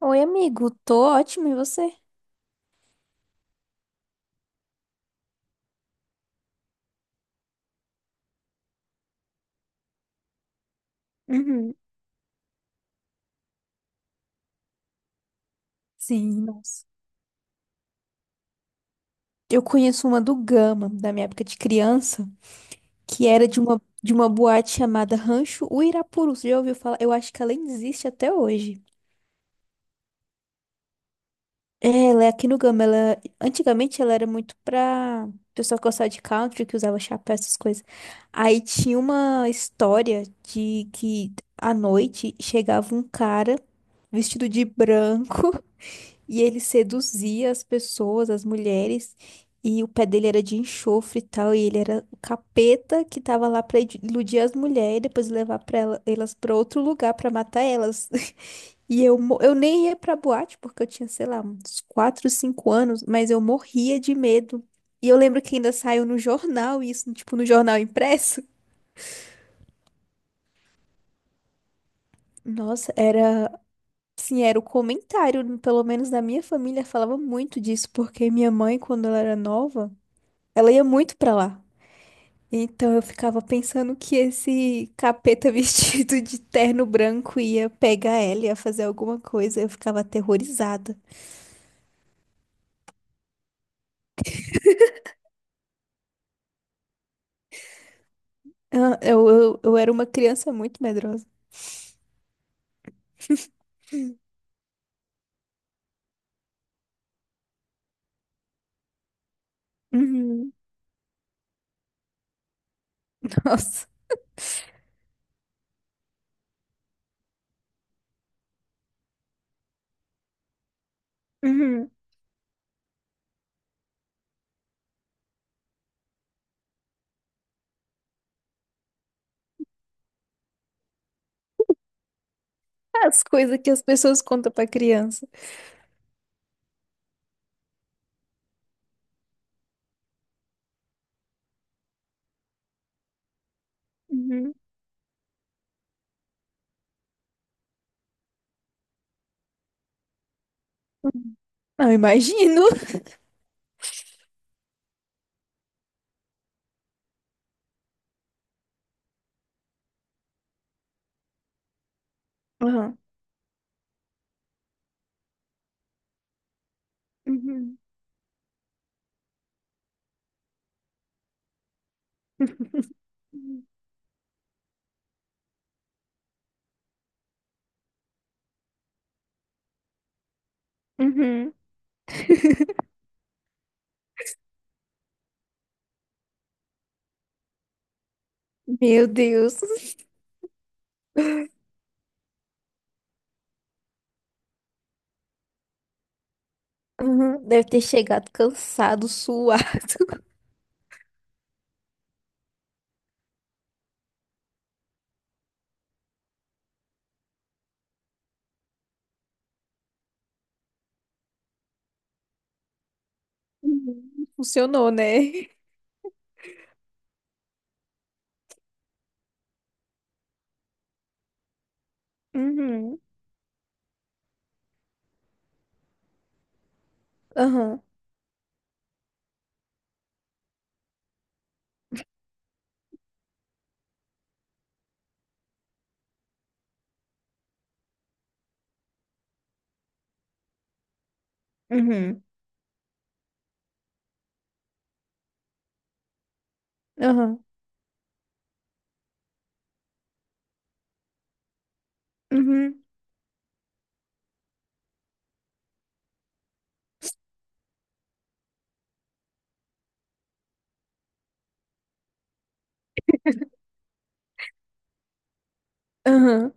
Oi, amigo. Tô ótimo, e você? Uhum. Sim, nossa. Eu conheço uma do Gama, da minha época de criança, que era de uma boate chamada Rancho Uirapuru. Você já ouviu falar? Eu acho que ela ainda existe até hoje. É, ela é aqui no Gama. Ela, antigamente ela era muito pra pessoa que gostava de country, que usava chapéu, essas coisas. Aí tinha uma história de que à noite chegava um cara vestido de branco. E ele seduzia as pessoas, as mulheres, e o pé dele era de enxofre e tal, e ele era o capeta que tava lá pra iludir as mulheres e depois levar pra elas pra outro lugar pra matar elas. Eu nem ia pra boate, porque eu tinha, sei lá, uns 4, 5 anos, mas eu morria de medo. E eu lembro que ainda saiu no jornal isso, tipo, no jornal impresso. Nossa, sim, era o comentário, pelo menos na minha família falava muito disso, porque minha mãe, quando ela era nova, ela ia muito pra lá. Então eu ficava pensando que esse capeta vestido de terno branco ia pegar ela, ia fazer alguma coisa. Eu ficava aterrorizada. Ah, eu era uma criança muito medrosa. Uhum. Nossa. Uhum. As coisas que as pessoas contam pra criança. Uhum. Uhum. Não, imagino. Aham. Uhum. Uhum. Meu Deus. Uhum. Deve ter chegado cansado, suado. Uhum. Funcionou, né? Uhum. Aham. Uhum. Aham. Uhum. Aham.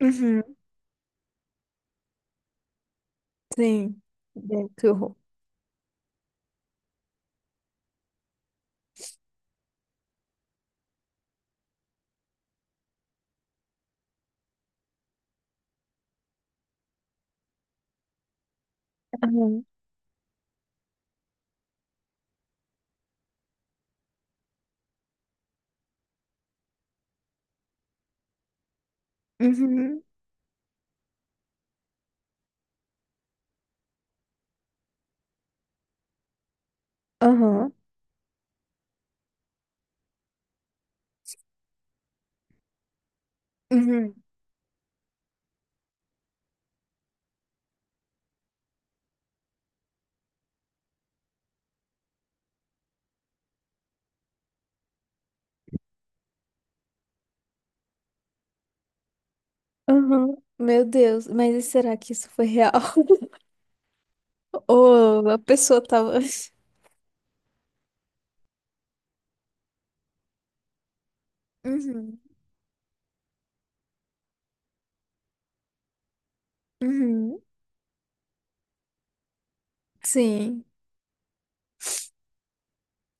Uhum. Sim. Deus, que horror. Aham. Uhum. Aham. Uhum. Aham. Meu Deus, mas e será que isso foi real? Ou a pessoa tava. Uhum. Uhum. Sim.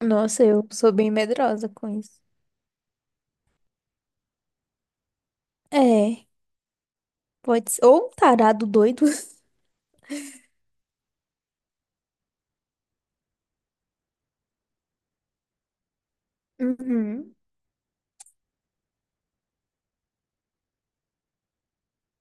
Nossa, eu sou bem medrosa com isso. É, pode ser. Ou um tarado doido. Uhum.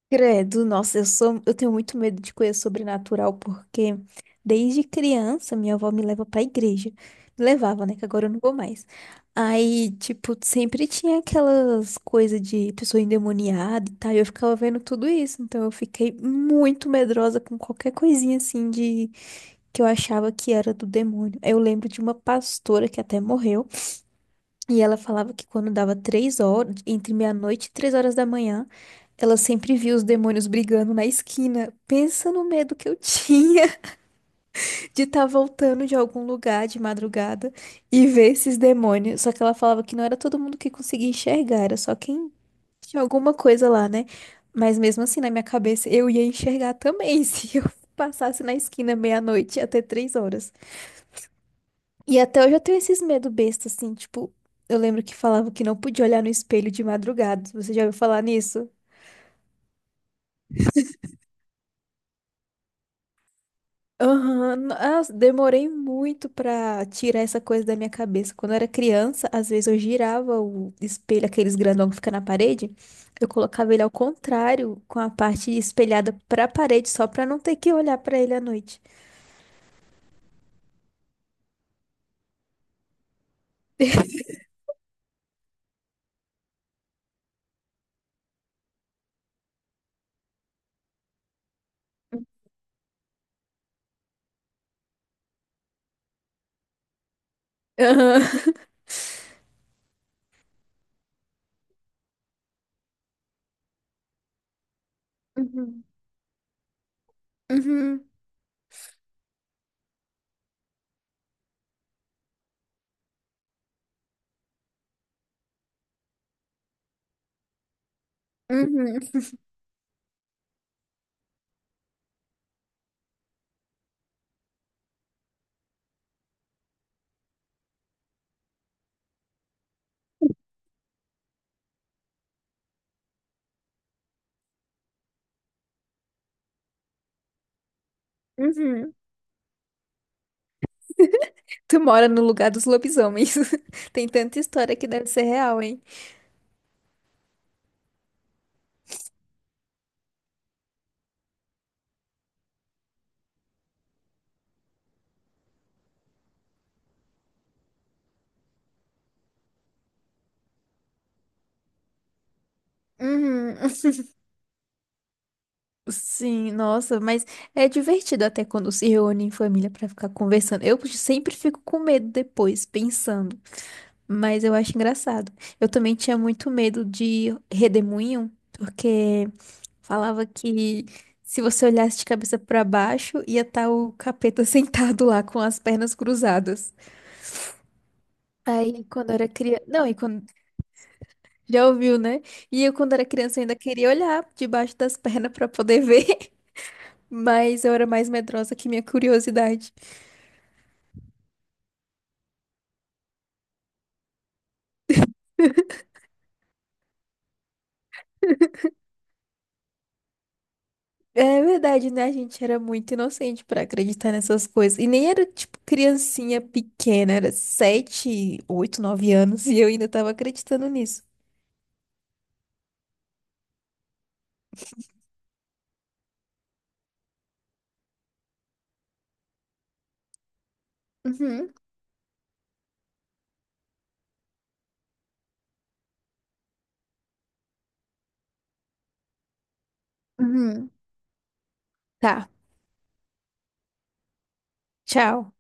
Credo, nossa, eu tenho muito medo de coisa sobrenatural, porque desde criança minha avó me leva pra igreja. Me levava, né? Que agora eu não vou mais. Aí, tipo, sempre tinha aquelas coisas de pessoa endemoniada e tal, e eu ficava vendo tudo isso. Então eu fiquei muito medrosa com qualquer coisinha assim de que eu achava que era do demônio. Eu lembro de uma pastora que até morreu. E ela falava que quando dava 3 horas, entre meia-noite e 3 horas da manhã, ela sempre via os demônios brigando na esquina. Pensa no medo que eu tinha de estar voltando de algum lugar de madrugada e ver esses demônios. Só que ela falava que não era todo mundo que conseguia enxergar, era só quem tinha alguma coisa lá, né? Mas mesmo assim, na minha cabeça, eu ia enxergar também se eu passasse na esquina meia-noite até 3 horas. E até hoje eu tenho esses medo besta, assim, tipo, eu lembro que falava que não podia olhar no espelho de madrugada. Você já ouviu falar nisso? Aham, nossa, demorei muito pra tirar essa coisa da minha cabeça. Quando eu era criança, às vezes eu girava o espelho, aqueles grandão que fica na parede, eu colocava ele ao contrário, com a parte espelhada pra parede, só pra não ter que olhar pra ele à noite. Aham. Uhum. Uhum. Uhum. Uhum. Tu mora no lugar dos lobisomens. Tem tanta história que deve ser real, hein? Uhum. Sim, nossa, mas é divertido até quando se reúne em família pra ficar conversando. Eu sempre fico com medo depois, pensando, mas eu acho engraçado. Eu também tinha muito medo de redemoinho, porque falava que se você olhasse de cabeça pra baixo, ia estar o capeta sentado lá com as pernas cruzadas. Aí, quando eu era criança, não, e quando. Já ouviu, né? E eu, quando era criança, ainda queria olhar debaixo das pernas pra poder ver, mas eu era mais medrosa que minha curiosidade. É verdade, né? A gente era muito inocente pra acreditar nessas coisas. E nem era, tipo, criancinha pequena, era 7, 8, 9 anos e eu ainda tava acreditando nisso. Uhum, uhum. Tá, tchau.